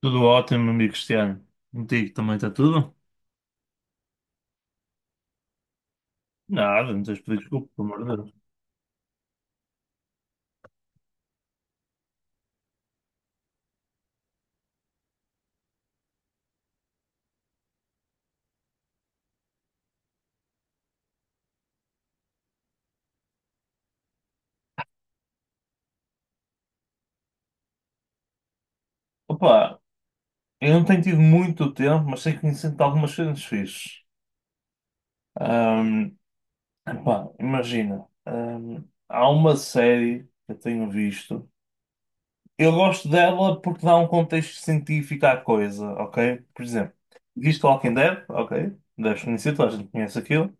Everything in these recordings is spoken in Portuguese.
Tudo ótimo, amigo Cristiano. Contigo também está tudo? Nada, não tens de pedir desculpa, pelo amor de Deus. Opa, eu não tenho tido muito tempo, mas sei que me sinto algumas coisas fixes. Ahm, epá, imagina, há uma série que eu tenho visto. Eu gosto dela porque dá um contexto científico à coisa, ok? Por exemplo, viste Walking Dead? Ok, deves conhecer, toda a gente conhece aquilo.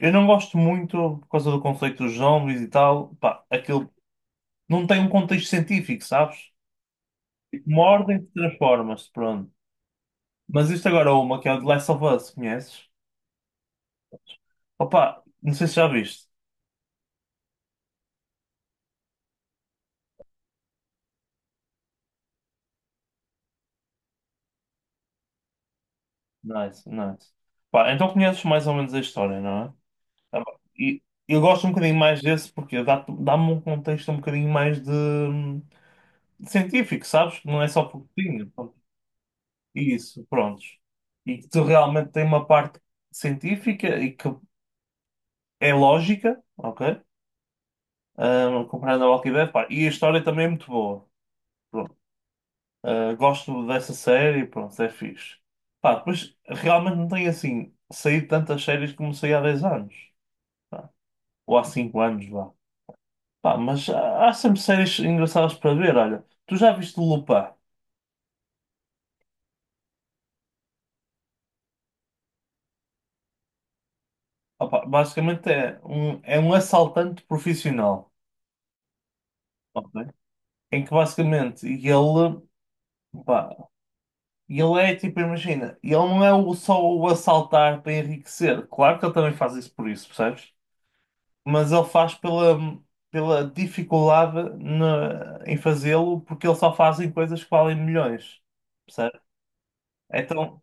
Eu não gosto muito por causa do conceito dos zombies e tal. Pá, aquilo não tem um contexto científico, sabes? Uma ordem que transforma-se, pronto. Mas isto agora é uma que é o The Last of Us, conheces? Opa, não sei se já viste. Nice, nice. Pá, então conheces mais ou menos a história, não é? Ah, pá, e eu gosto um bocadinho mais desse porque dá-me um contexto um bocadinho mais de científico, sabes? Não é só pouquinho. Isso, prontos. E que tu realmente tem uma parte científica e que é lógica, ok? Ah, comparando ao Walking Dead, pá. E a história também é muito boa. Pronto. Gosto dessa série, pronto, é fixe. Pá, depois realmente não tenho assim saído tantas séries como saí há 10 anos, pá, ou há 5 anos, vá. Pá, mas há sempre séries engraçadas para ver. Olha, tu já viste o Lupin? Opa, basicamente é um assaltante profissional, ok? Em que basicamente ele, pá, ele é tipo, imagina, ele não é só o assaltar para enriquecer, claro que ele também faz isso por isso, percebes? Mas ele faz pela dificuldade em fazê-lo, porque ele só fazem coisas que valem milhões, percebe? Então,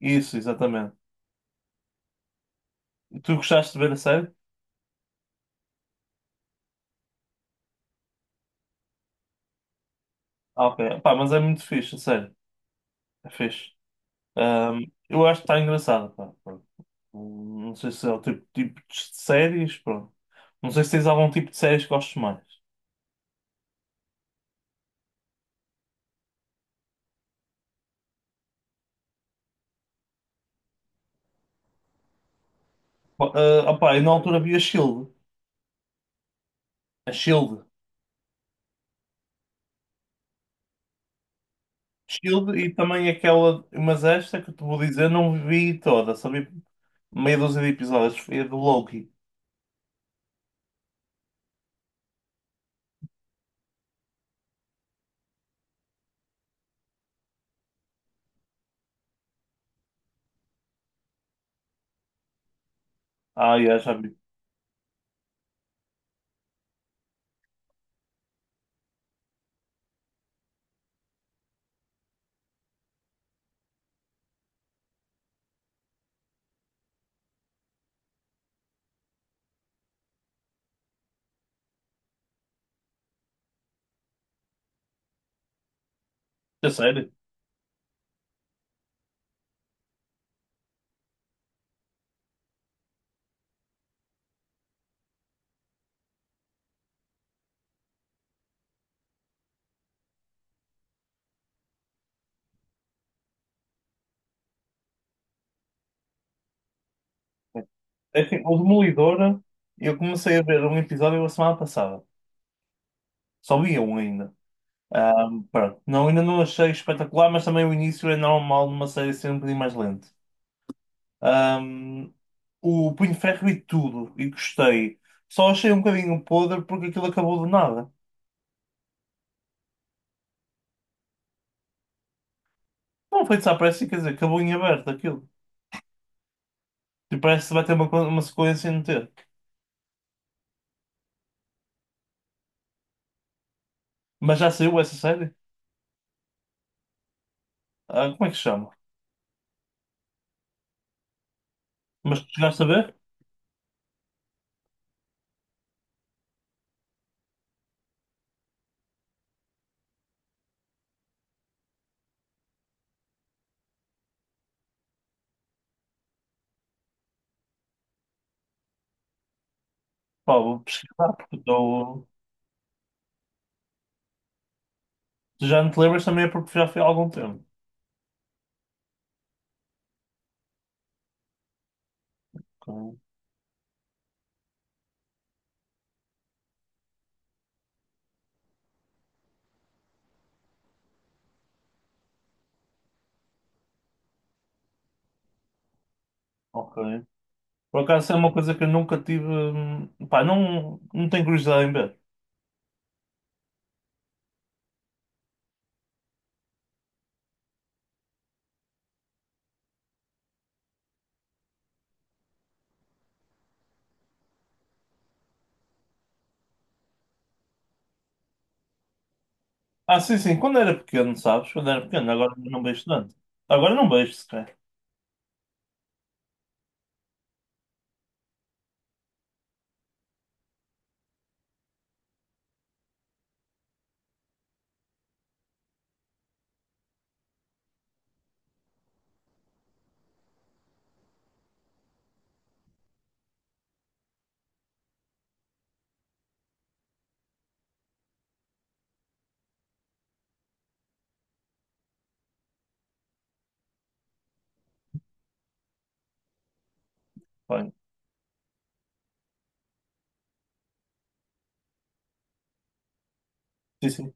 isso, exatamente. Tu gostaste de ver a série? Ah, ok, pá, mas é muito fixe, a série, é fixe. Eu acho que está engraçado, pá, pronto. Não sei se é o tipo de séries, pronto. Não sei se tens algum tipo de séries que gostes mais. Bom, ah, opá, eu na altura vi a Shield, a Shield. Shield e também aquela, mas esta que eu te vou dizer, não vi toda, só vi meia dúzia de episódios. Foi do Loki. Ah, já, já vi. É sério? É que o Demolidor, eu comecei a ver um episódio a semana passada. Só vi um ainda. Pronto. Não, ainda não achei espetacular, mas também o início é normal numa série ser um bocadinho mais lento. Ahm, o Punho de Ferro e tudo, e gostei. Só achei um bocadinho podre porque aquilo acabou do nada. Não foi desaparecido, quer dizer, acabou em aberto aquilo. E parece que vai ter uma, uma sequência e não ter. Mas já saiu essa série? Ah, como é que se chama? Mas tu chegaste a ver? Pá, vou pesquisar, porque estou. Se já não te lembras também é porque já foi há algum tempo. Ok. Ok. Por acaso é uma coisa que eu nunca tive. Pá, não, não tenho curiosidade em ver. Ah, sim, sim, quando era pequeno, sabes? Quando era pequeno, agora não vejo tanto. Agora não vejo sequer. Bem, sim, sim.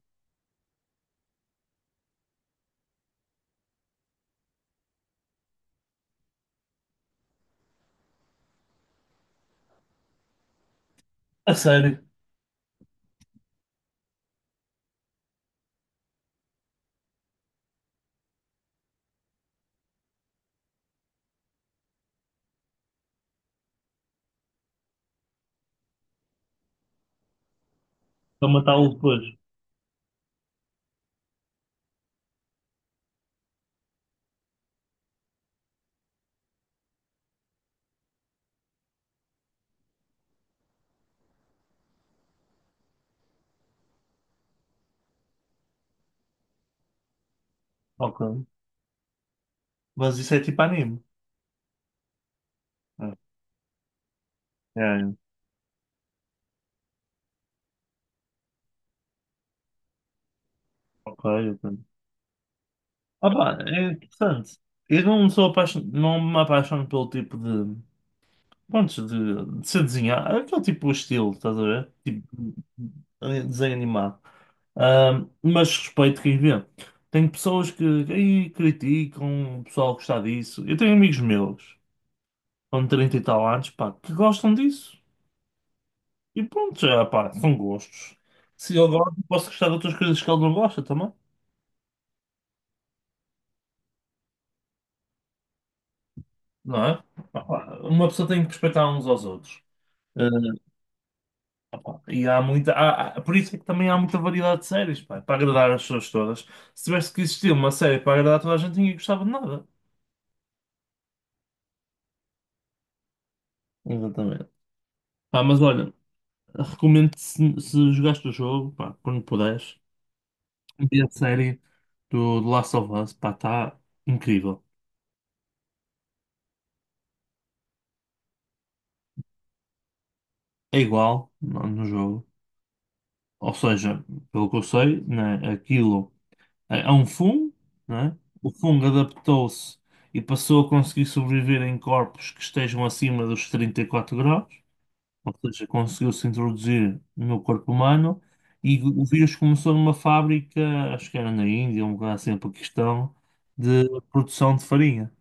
A sério, para matá-lo depois. Ok. Mas isso é tipo anime. É, é, é. Ok, ok. Ah, pá, é interessante. Eu não me apaixono pelo tipo de. Prontos, de ser desenhar, aquele tipo de estilo, estás a ver? Tipo, desenho animado. Mas respeito quem vê. Tem pessoas que aí criticam, o pessoal gostar disso. Eu tenho amigos meus, com 30 e tal anos, pá, que gostam disso. E pronto, já, pá, são gostos. Se eu gosto, posso gostar de outras coisas que ele não gosta também, não é? Pá, uma pessoa tem que respeitar uns aos outros. Ah, e há muita, há- há- por isso é que também há muita variedade de séries, pá, para agradar as pessoas todas. Se tivesse que existir uma série para agradar toda a gente, ninguém gostava de nada. Exatamente. Pá, mas olha, recomendo se jogaste o jogo, pá, quando puderes, ver a série do Last of Us, pá, está incrível. É igual no jogo. Ou seja, pelo que eu sei, né, aquilo é um fungo, né? O fungo adaptou-se e passou a conseguir sobreviver em corpos que estejam acima dos 34 graus. Ou seja, conseguiu-se introduzir no corpo humano e o vírus começou numa fábrica, acho que era na Índia, um lugar assim, no Paquistão, de produção de farinha.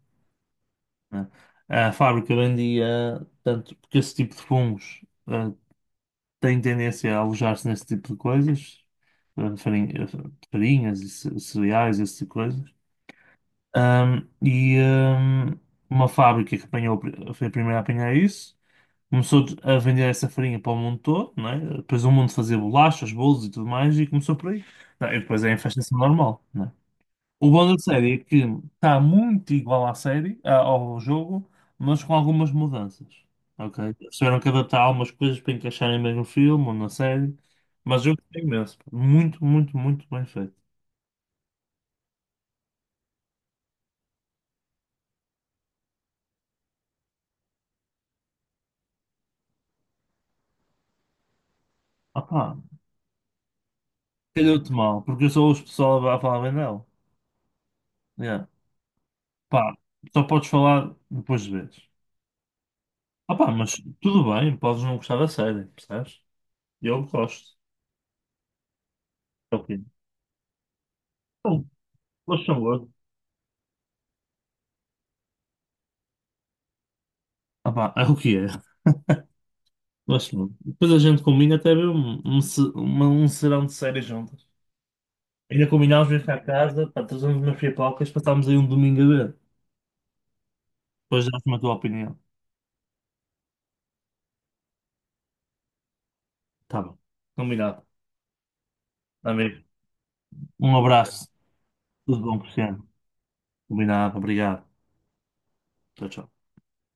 Né? A fábrica vendia, tanto porque esse tipo de fungos eh, tem tendência a alojar-se nesse tipo de coisas, eh, farinha- eh, farinhas e cereais, esse tipo de coisas. E uma fábrica que apanhou, foi a primeira a apanhar isso. Começou a vender essa farinha para o mundo todo, não é? Depois o mundo fazia bolachas, bolos e tudo mais, e começou por aí. Não, e depois é a infestação normal, não é? O bom da série é que está muito igual à série, ao jogo, mas com algumas mudanças, ok? Eles tiveram que adaptar algumas coisas para encaixarem mesmo no filme ou na série, mas eu gostei imenso. Muito, muito, muito bem feito. Ah, pá, calhou-te mal, porque eu só ouço o pessoal a falar bem dela. Yeah. Pá, só podes falar depois de ver. Opa, mas tudo bem, podes não gostar da série, percebes? Eu gosto. É o que é. Bom, gosto não gosto. Opa, é o que é. Gosto muito. Depois a gente combina até ver um serão de séries juntas. Ainda combinámos vir cá a casa, pá, trazemos umas pipocas, passámos aí um domingo a ver. Depois dás-me a tua opinião. Tá bom. Combinado. Amigo, um abraço. Tudo bom, Cristiano? Combinado. Obrigado. Tchau, tchau.